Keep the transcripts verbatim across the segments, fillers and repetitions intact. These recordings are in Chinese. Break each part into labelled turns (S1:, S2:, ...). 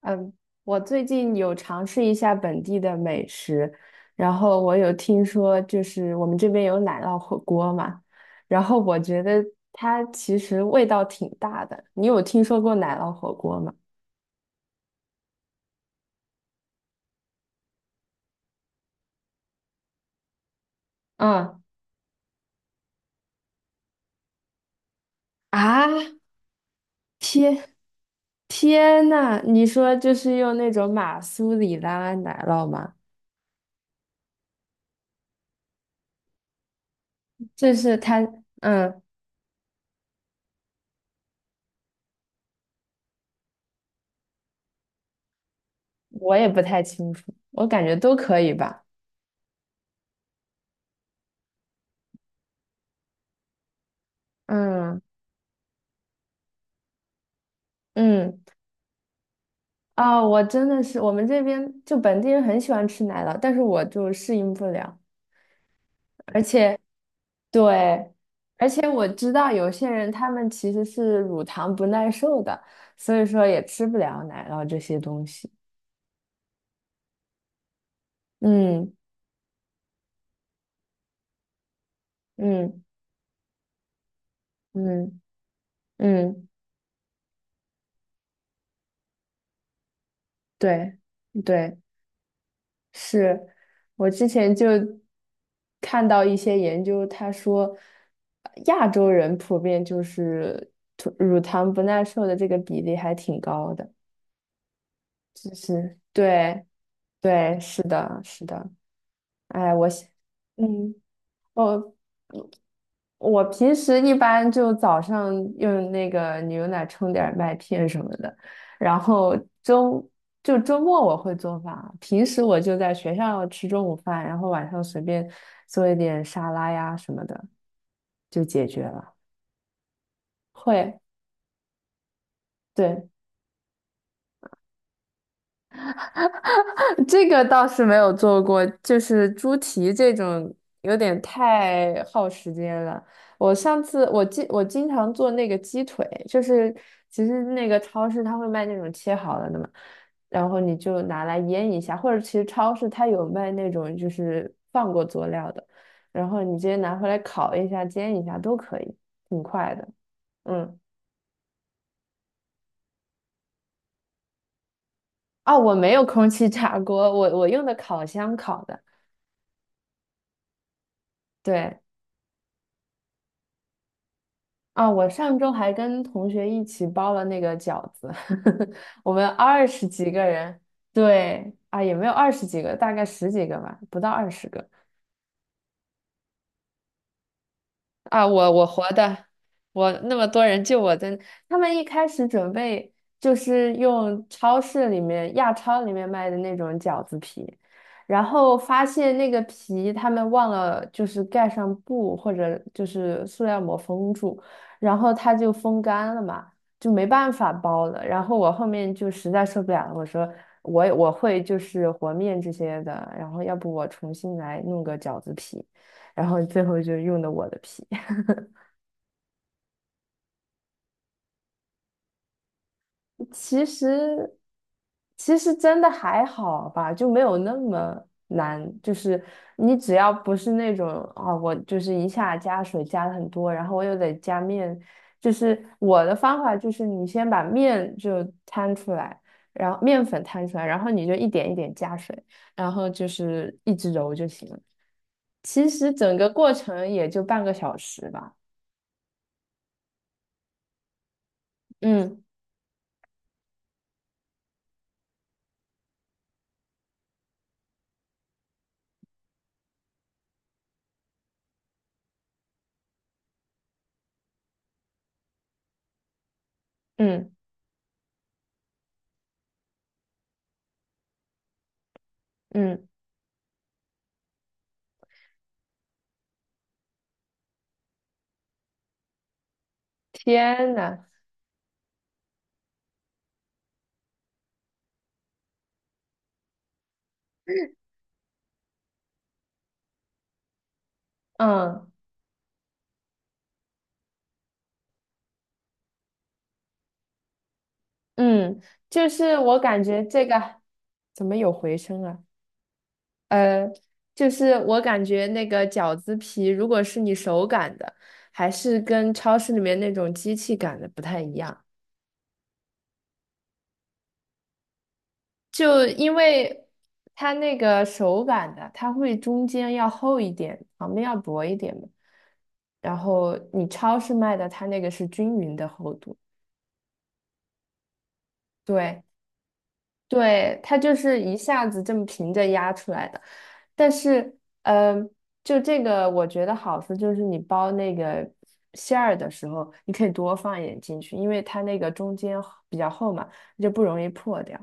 S1: 嗯，我最近有尝试一下本地的美食，然后我有听说，就是我们这边有奶酪火锅嘛，然后我觉得它其实味道挺大的。你有听说过奶酪火锅吗？嗯啊，天天呐，你说就是用那种马苏里拉奶酪吗？就是它。嗯，我也不太清楚，我感觉都可以吧。嗯嗯。啊、我真的是，我们这边就本地人很喜欢吃奶酪，但是我就适应不了。而且对，而且我知道有些人他们其实是乳糖不耐受的，所以说也吃不了奶酪这些东西。嗯嗯嗯嗯，对对，是。我之前就看到一些研究，他说呃亚洲人普遍就是乳糖不耐受的这个比例还挺高的。就是对对，是的，是的。哎，我喜，嗯，我我平时一般就早上用那个牛奶冲点儿麦片什么的，然后周就周末我会做饭，平时我就在学校吃中午饭，然后晚上随便做一点沙拉呀什么的就解决了。会，对，这个倒是没有做过，就是猪蹄这种有点太耗时间了。我上次我经我经常做那个鸡腿，就是其实那个超市它会卖那种切好了的嘛，然后你就拿来腌一下，或者其实超市它有卖那种就是放过佐料的，然后你直接拿回来烤一下、煎一下都可以，挺快的。嗯，哦，我没有空气炸锅，我我用的烤箱烤的。对，啊，我上周还跟同学一起包了那个饺子，我们二十几个人。对，啊，也没有二十几个，大概十几个吧，不到二十个。啊，我我活的，我那么多人救我的，他们一开始准备就是用超市里面亚超里面卖的那种饺子皮，然后发现那个皮他们忘了就是盖上布或者就是塑料膜封住，然后它就风干了嘛，就没办法包了。然后我后面就实在受不了了，我说我也我会就是和面这些的，然后要不我重新来弄个饺子皮，然后最后就用的我的皮。其实其实真的还好吧，就没有那么难。就是你只要不是那种啊，我就是一下加水加的很多，然后我又得加面。就是我的方法就是你先把面就摊出来，然后面粉摊出来，然后你就一点一点加水，然后就是一直揉就行了。其实整个过程也就半个小时吧。嗯嗯嗯，天呐，嗯。嗯，就是我感觉这个怎么有回声啊？呃，就是我感觉那个饺子皮，如果是你手擀的，还是跟超市里面那种机器擀的不太一样。就因为它那个手擀的，它会中间要厚一点，旁边要薄一点嘛。然后你超市卖的，它那个是均匀的厚度。对，对，它就是一下子这么平着压出来的，但是，嗯、就这个我觉得好处就是你包那个馅儿的时候，你可以多放一点进去，因为它那个中间比较厚嘛，就不容易破掉。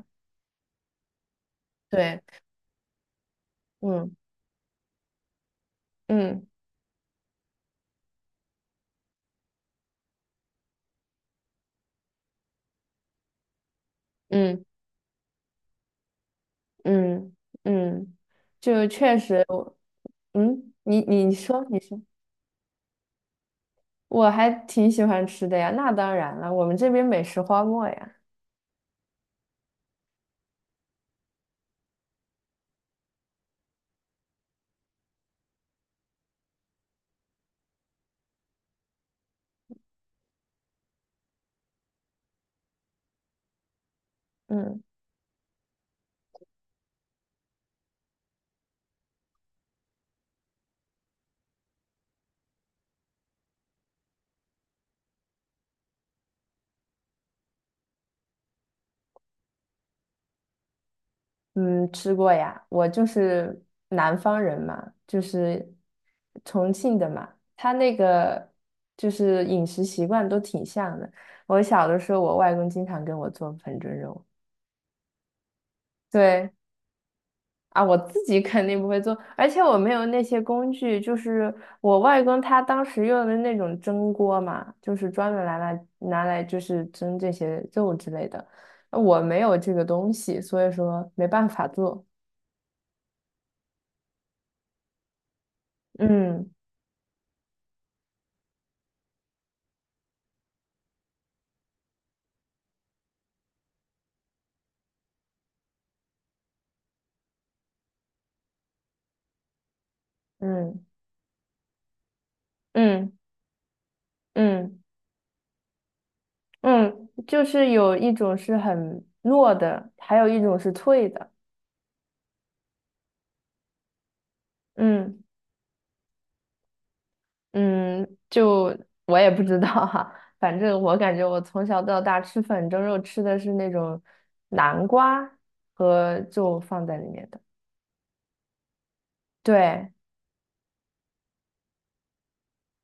S1: 对，嗯嗯嗯嗯嗯，就确实我。嗯，你你说你说，我还挺喜欢吃的呀，那当然了，我们这边美食荒漠呀。嗯。嗯，吃过呀，我就是南方人嘛，就是重庆的嘛，他那个就是饮食习惯都挺像的。我小的时候，我外公经常给我做粉蒸肉。对啊，我自己肯定不会做，而且我没有那些工具。就是我外公他当时用的那种蒸锅嘛，就是专门拿来拿来就是蒸这些肉之类的。我没有这个东西，所以说没办法做。嗯嗯。嗯嗯嗯，就是有一种是很糯的，还有一种是脆的。嗯嗯，就我也不知道哈，反正我感觉我从小到大吃粉蒸肉吃的是那种南瓜和就放在里面的。对，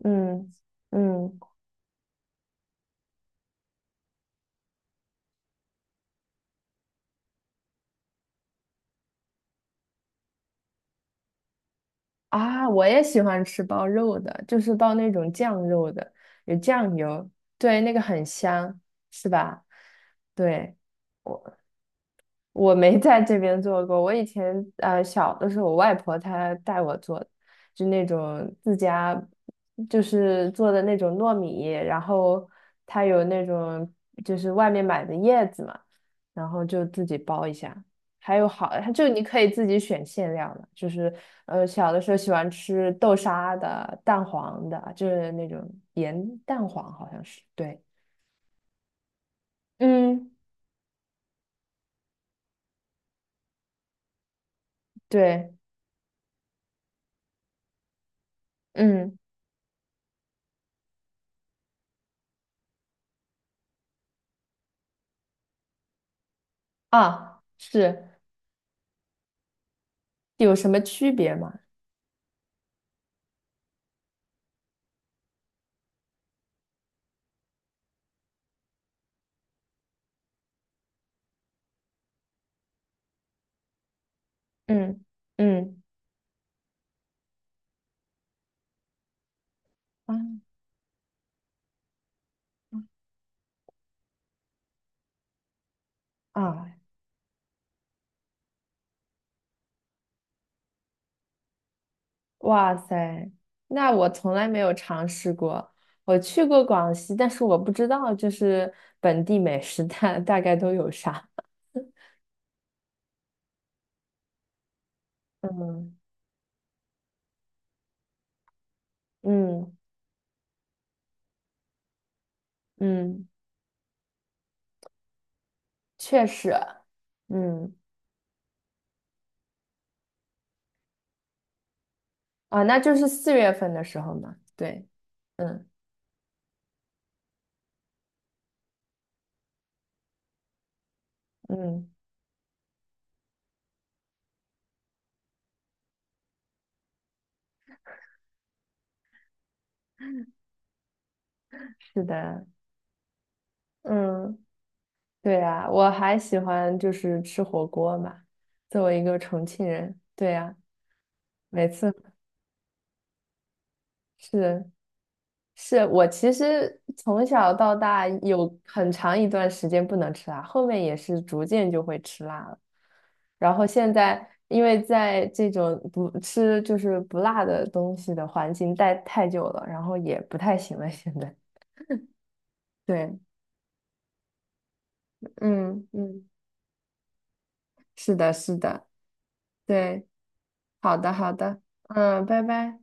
S1: 嗯嗯啊，我也喜欢吃包肉的，就是包那种酱肉的，有酱油，对，那个很香，是吧？对。我。我没在这边做过，我以前呃小的时候，我外婆她带我做的就那种自家就是做的那种糯米，然后它有那种就是外面买的叶子嘛，然后就自己包一下。还有好，它就你可以自己选馅料的，就是呃小的时候喜欢吃豆沙的、蛋黄的，就是那种盐蛋黄好像是。对，嗯，对，嗯啊是。有什么区别吗？嗯嗯，啊啊，哇塞，那我从来没有尝试过。我去过广西，但是我不知道就是本地美食大大概都有啥。嗯嗯嗯，确实，嗯啊，那就是四月份的时候嘛。对，嗯嗯，是的，嗯，对啊，我还喜欢就是吃火锅嘛。作为一个重庆人，对呀。每次是。是。我其实从小到大有很长一段时间不能吃辣，后面也是逐渐就会吃辣了。然后现在因为在这种不吃就是不辣的东西的环境待太久了，然后也不太行了。现在对，嗯嗯，是的，是的，对，好的好的，嗯，拜拜。